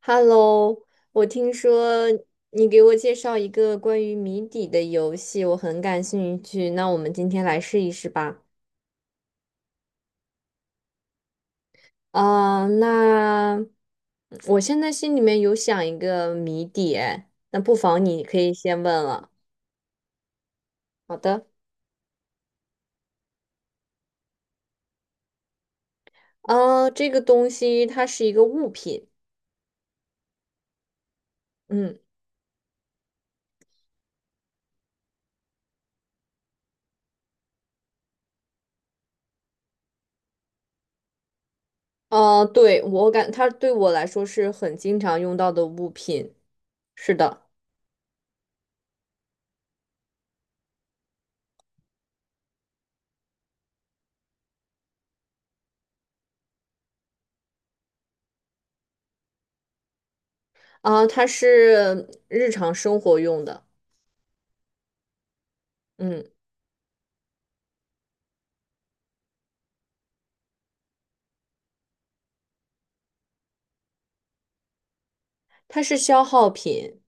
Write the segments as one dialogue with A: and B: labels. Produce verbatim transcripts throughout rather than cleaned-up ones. A: Hello，我听说你给我介绍一个关于谜底的游戏，我很感兴趣。那我们今天来试一试吧。啊、那我现在心里面有想一个谜底，哎那不妨你可以先问了。好的，啊、这个东西它是一个物品，嗯，啊，对，我感它对我来说是很经常用到的物品，是的，啊、它是日常生活用的，嗯。它是消耗品，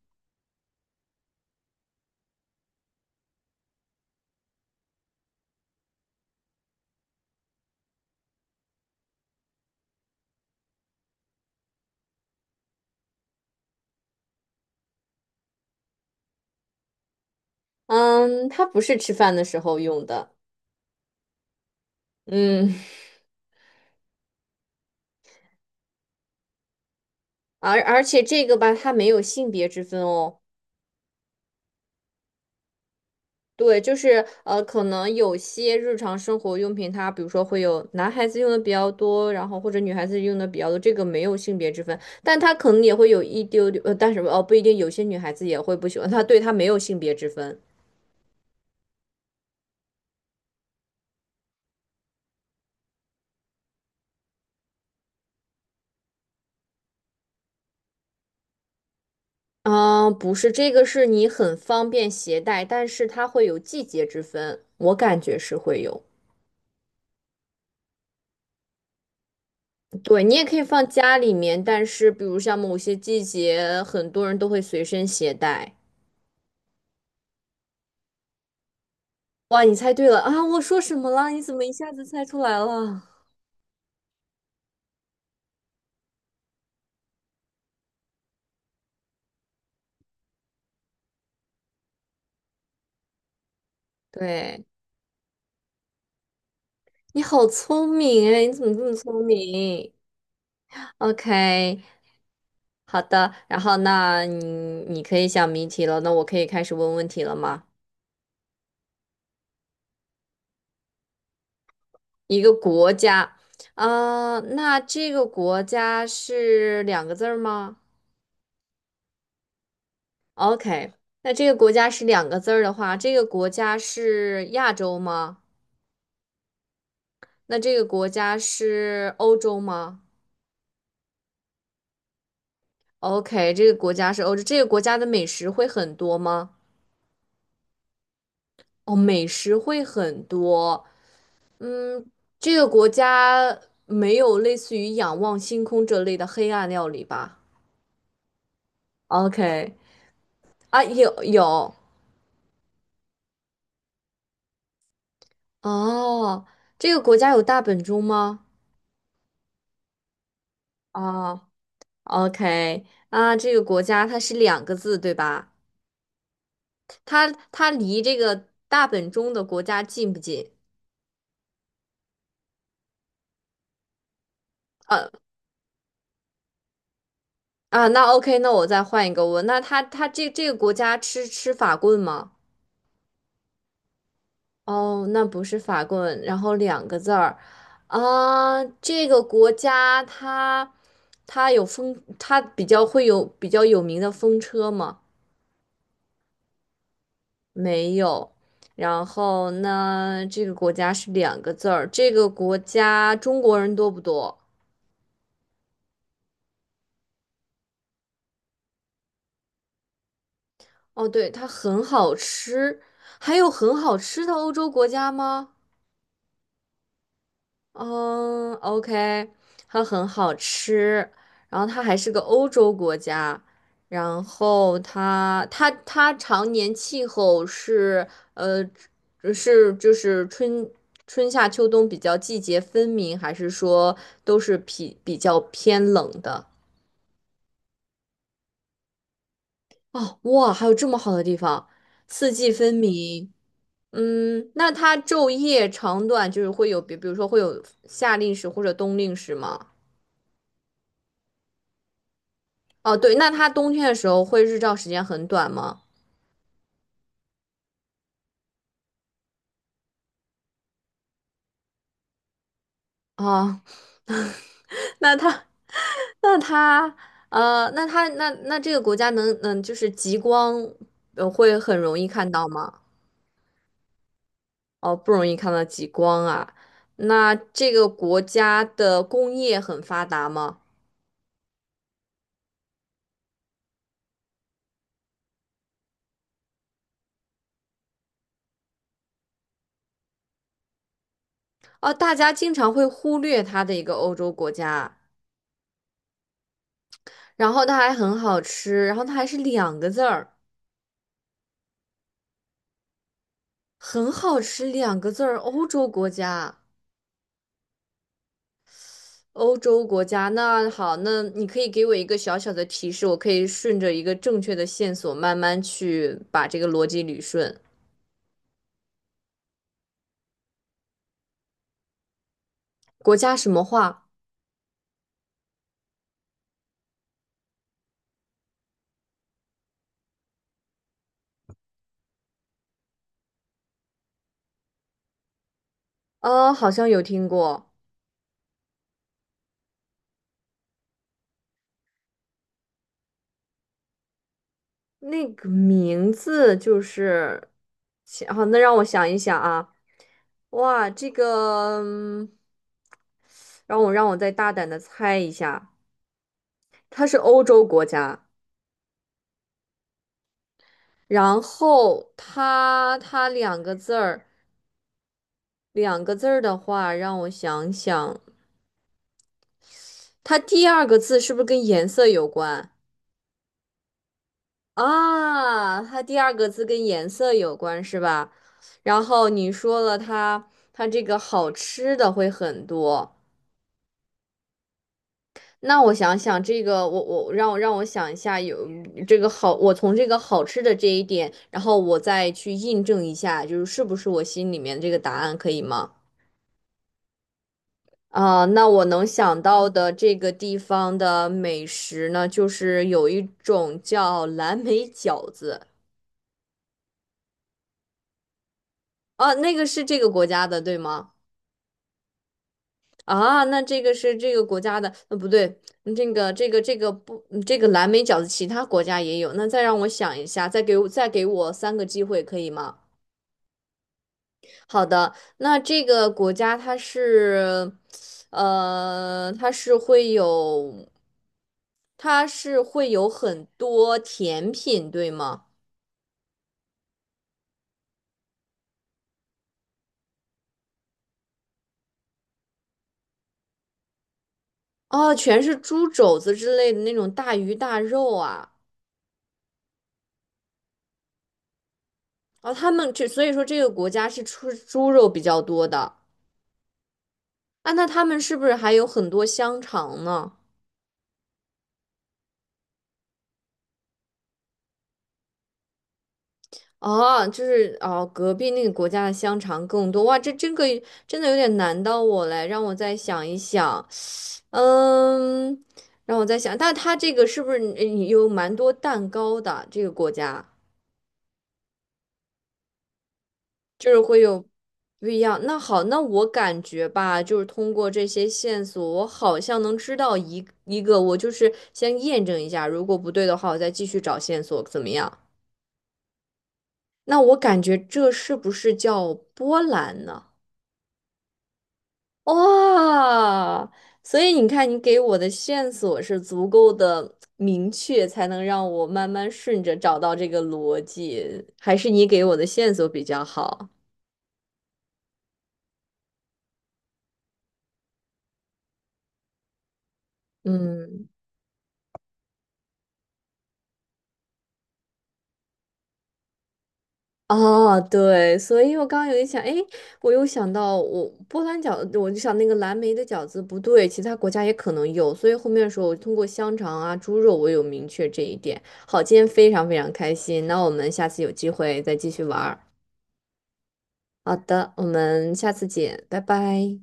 A: 嗯，它不是吃饭的时候用的，嗯，而而且这个吧，它没有性别之分哦。对，就是呃，可能有些日常生活用品，它比如说会有男孩子用的比较多，然后或者女孩子用的比较多，这个没有性别之分，但它可能也会有一丢丢，呃，但是哦，不一定，有些女孩子也会不喜欢它，对，它没有性别之分。啊，不是，这个是你很方便携带，但是它会有季节之分，我感觉是会有。对，你也可以放家里面，但是比如像某些季节，很多人都会随身携带。哇，你猜对了啊！我说什么了？你怎么一下子猜出来了？对，你好聪明哎！你怎么这么聪明？OK，好的。然后那你你可以想谜题了，那我可以开始问问题了吗？一个国家，啊、那这个国家是两个字儿吗？OK，那这个国家是两个字儿的话，这个国家是亚洲吗？那这个国家是欧洲吗？OK，这个国家是欧洲，这个国家的美食会很多吗？哦，美食会很多。嗯，这个国家没有类似于仰望星空这类的黑暗料理吧？OK，啊，有有哦，这个国家有大本钟吗？哦，OK，啊，这个国家它是两个字对吧？它它离这个大本钟的国家近不近？呃啊，那 OK，那我再换一个问，那它它这这个国家吃吃法棍吗？哦，那不是法棍，然后两个字儿，啊，这个国家它它有风，它比较会有比较有名的风车吗？没有。然后呢，这个国家是两个字儿，这个国家中国人多不多？哦，对，它很好吃。还有很好吃的欧洲国家吗？嗯，OK，它很好吃。然后它还是个欧洲国家，然后它它它常年气候是呃是就是春春夏秋冬比较季节分明，还是说都是比比较偏冷的？哦，哇，还有这么好的地方，四季分明。嗯，那它昼夜长短就是会有，比比如说会有夏令时或者冬令时吗？哦，对，那它冬天的时候会日照时间很短吗？啊、那它，那它，呃，那它，那那这个国家能，嗯，就是极光，呃，会很容易看到吗？哦，不容易看到极光啊。那这个国家的工业很发达吗？哦，大家经常会忽略它的一个欧洲国家。然后它还很好吃，然后它还是两个字儿，很好吃两个字儿，欧洲国家，欧洲国家。那好，那你可以给我一个小小的提示，我可以顺着一个正确的线索慢慢去把这个逻辑捋顺。国家什么话？呃，好像有听过那个名字，就是，想好，那让我想一想啊，哇，这个，嗯让我让我再大胆的猜一下，它是欧洲国家。然后它它两个字儿，两个字儿的话，让我想想，它第二个字是不是跟颜色有关啊？它第二个字跟颜色有关是吧？然后你说了它它这个好吃的会很多，那我想想这个，我我让我让我想一下，有这个好，我从这个好吃的这一点，然后我再去印证一下，就是是不是我心里面这个答案可以吗？啊，那我能想到的这个地方的美食呢，就是有一种叫蓝莓饺子啊，那个是这个国家的，对吗？啊，那这个是这个国家的，呃，不对，嗯这个这个这个不，嗯这个蓝莓饺子其他国家也有。那再让我想一下，再给我再给我三个机会，可以吗？好的，那这个国家它是，呃，它是会有，它是会有很多甜品，对吗？哦，全是猪肘子之类的那种大鱼大肉啊。哦，他们这，所以说这个国家是出猪肉比较多的啊。那他们是不是还有很多香肠呢？哦，就是哦，隔壁那个国家的香肠更多哇，这这个真的有点难到我嘞，让我再想一想。嗯，让我在想，但它这个是不是呃有蛮多蛋糕的？这个国家就是会有不一样。那好，那我感觉吧，就是通过这些线索，我好像能知道一一个。我就是先验证一下，如果不对的话，我我再继续找线索，怎么样？那我感觉这是是不是叫波兰呢？哇，所以你看，你给我的线索是足够的明确，才能让我慢慢顺着找到这个逻辑，还是你给我的线索比较好？嗯，哦，对，所以我刚刚有一想，哎，我又想到我波兰饺子，我就想那个蓝莓的饺子不对，其他国家也可能有，所以后面的时候我通过香肠啊、猪肉，我有明确这一点。好，今天非常非常开心，那我们下次有机会再继续玩儿。好的，我们下次见，拜拜。